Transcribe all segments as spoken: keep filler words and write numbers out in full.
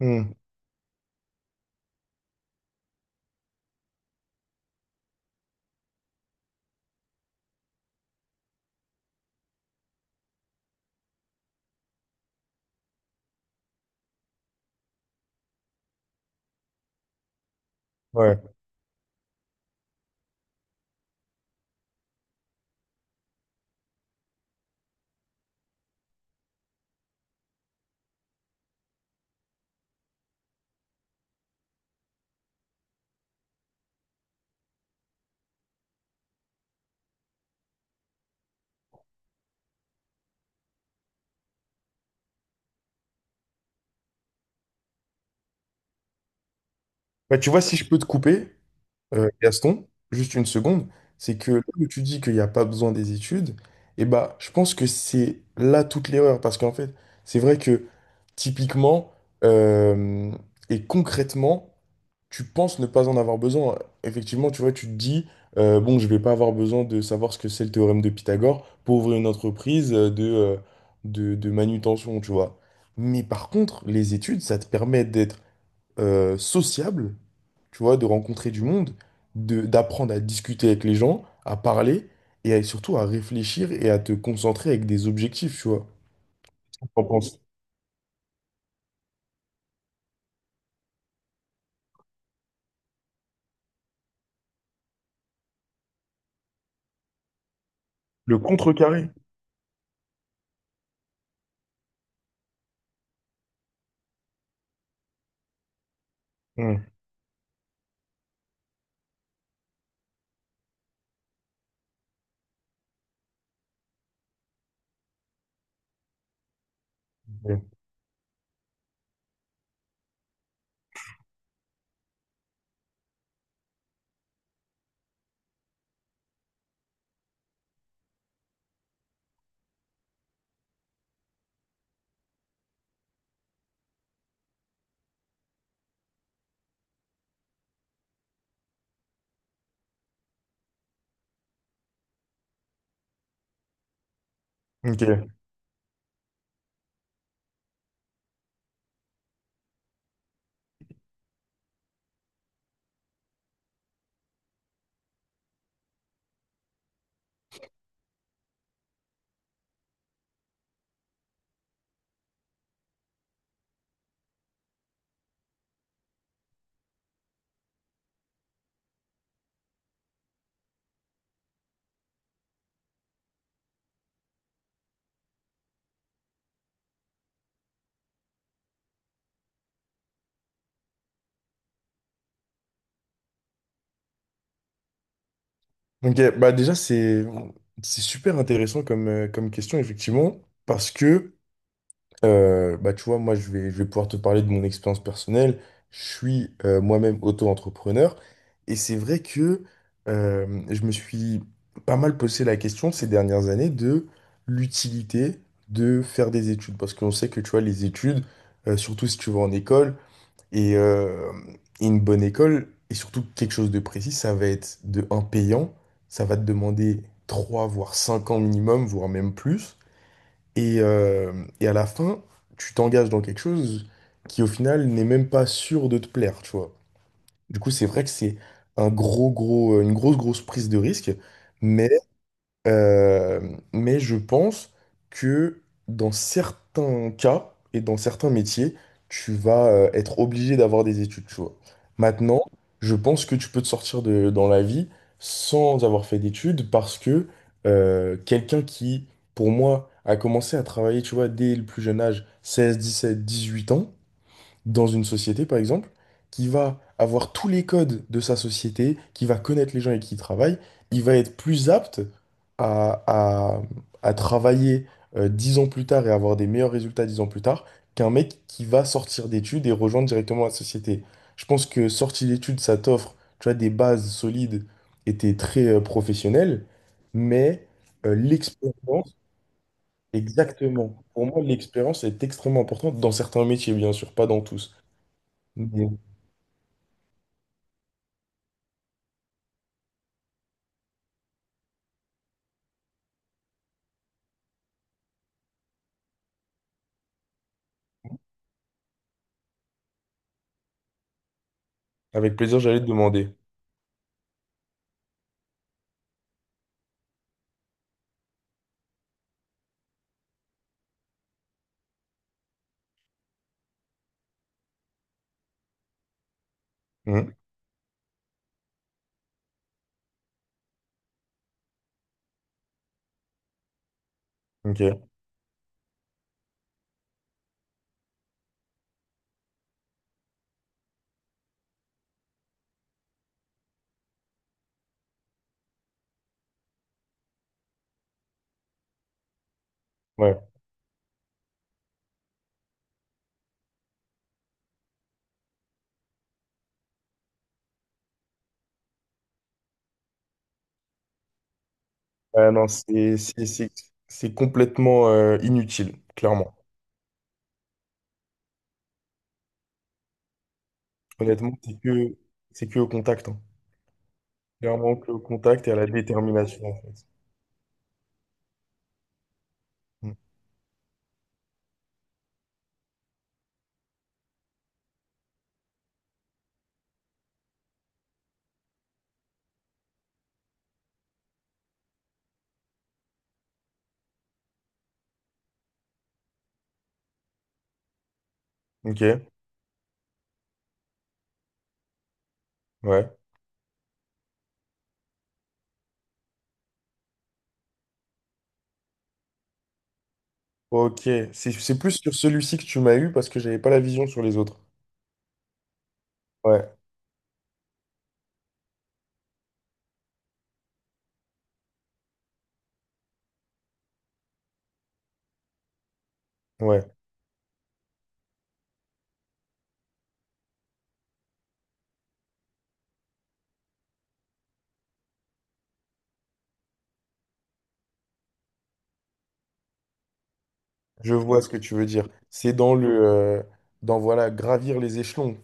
Hmm, ouais. Bah, tu vois, si je peux te couper, euh, Gaston, juste une seconde, c'est que là où tu dis qu'il n'y a pas besoin des études, et bah, je pense que c'est là toute l'erreur. Parce qu'en fait, c'est vrai que typiquement euh, et concrètement, tu penses ne pas en avoir besoin. Effectivement, tu vois, tu te dis, euh, bon, je vais pas avoir besoin de savoir ce que c'est le théorème de Pythagore pour ouvrir une entreprise euh, de, euh, de, de manutention, tu vois. Mais par contre, les études, ça te permet d'être euh, sociable, tu vois, de rencontrer du monde, de, d'apprendre à discuter avec les gens, à parler et à- surtout à réfléchir et à te concentrer avec des objectifs, tu vois. Qu'en penses? Le contrecarré. Hmm. Ok. Ok. Ok, bah déjà, c'est c'est super intéressant comme, euh, comme question, effectivement, parce que Euh, bah, tu vois, moi, je vais, je vais pouvoir te parler de mon expérience personnelle. Je suis euh, moi-même auto-entrepreneur. Et c'est vrai que euh, je me suis pas mal posé la question ces dernières années de l'utilité de faire des études. Parce qu'on sait que, tu vois, les études, euh, surtout si tu vas en école, et, euh, et une bonne école, et surtout quelque chose de précis, ça va être de un payant. Ça va te demander trois voire cinq ans minimum, voire même plus. Et, euh, et à la fin, tu t'engages dans quelque chose qui, au final, n'est même pas sûr de te plaire, tu vois. Du coup, c'est vrai que c'est un gros, gros, euh, une grosse, grosse prise de risque, mais euh, mais je pense que dans certains cas et dans certains métiers, tu vas euh, être obligé d'avoir des études, tu vois. Maintenant, je pense que tu peux te sortir de, dans la vie sans avoir fait d'études parce que euh, quelqu'un qui, pour moi, a commencé à travailler, tu vois, dès le plus jeune âge, seize, dix-sept, dix-huit ans, dans une société, par exemple, qui va avoir tous les codes de sa société, qui va connaître les gens avec qui il travaille, il va être plus apte à, à- à travailler euh, dix ans plus tard et avoir des meilleurs résultats dix ans plus tard qu'un mec qui va sortir d'études et rejoindre directement la société. Je pense que sortir d'études, ça t'offre, tu vois, des bases solides et t'es très euh, professionnel, mais euh, l'expérience, exactement. Pour moi, l'expérience est extrêmement importante dans certains métiers, bien sûr, pas dans tous. Mais avec plaisir, j'allais te demander. Mhm. Ok, ouais. Ah non, c'est c'est- c'est- c'est complètement euh, inutile, clairement. Honnêtement, c'est que, c'est que au contact. Hein. Clairement que au contact et à la détermination, en fait. Mhm. Ok, ouais. Ok, c'est c'est plus sur celui-ci que tu m'as eu parce que j'avais pas la vision sur les autres. Ouais, ouais, je vois ce que tu veux dire. C'est dans le, euh, dans, voilà, gravir les échelons.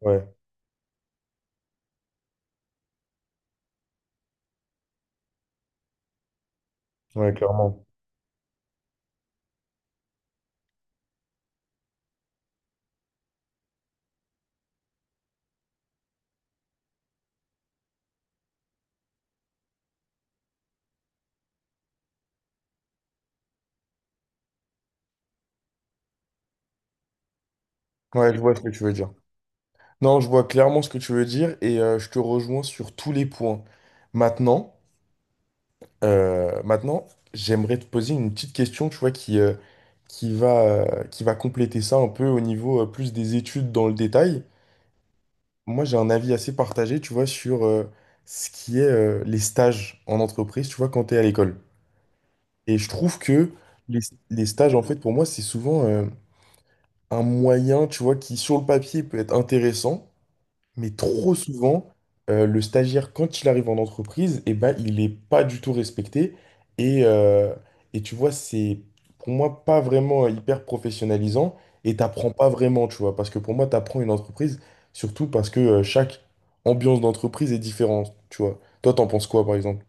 Ouais, ouais, clairement. Ouais, je vois ce que tu veux dire. Non, je vois clairement ce que tu veux dire et euh, je te rejoins sur tous les points. Maintenant, euh, maintenant, j'aimerais te poser une petite question, tu vois, qui, euh, qui va, euh, qui va compléter ça un peu au niveau euh, plus des études dans le détail. Moi, j'ai un avis assez partagé, tu vois, sur euh, ce qui est euh, les stages en entreprise, tu vois, quand tu es à l'école. Et je trouve que les, les stages, en fait, pour moi, c'est souvent euh, un moyen, tu vois, qui sur le papier peut être intéressant. Mais trop souvent, euh, le stagiaire, quand il arrive en entreprise, eh ben, il n'est pas du tout respecté. Et, euh, et tu vois, c'est pour moi pas vraiment euh, hyper professionnalisant et t'apprends pas vraiment, tu vois. Parce que pour moi, t'apprends une entreprise, surtout parce que euh, chaque ambiance d'entreprise est différente, tu vois. Toi, t'en penses quoi, par exemple?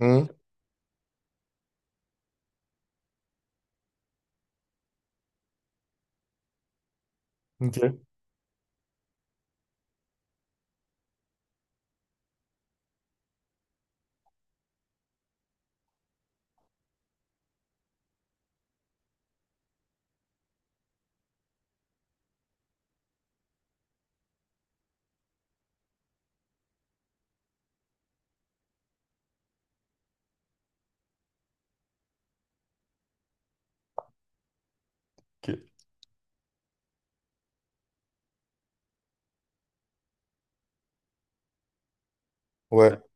Hum, ok, ok. Ouais.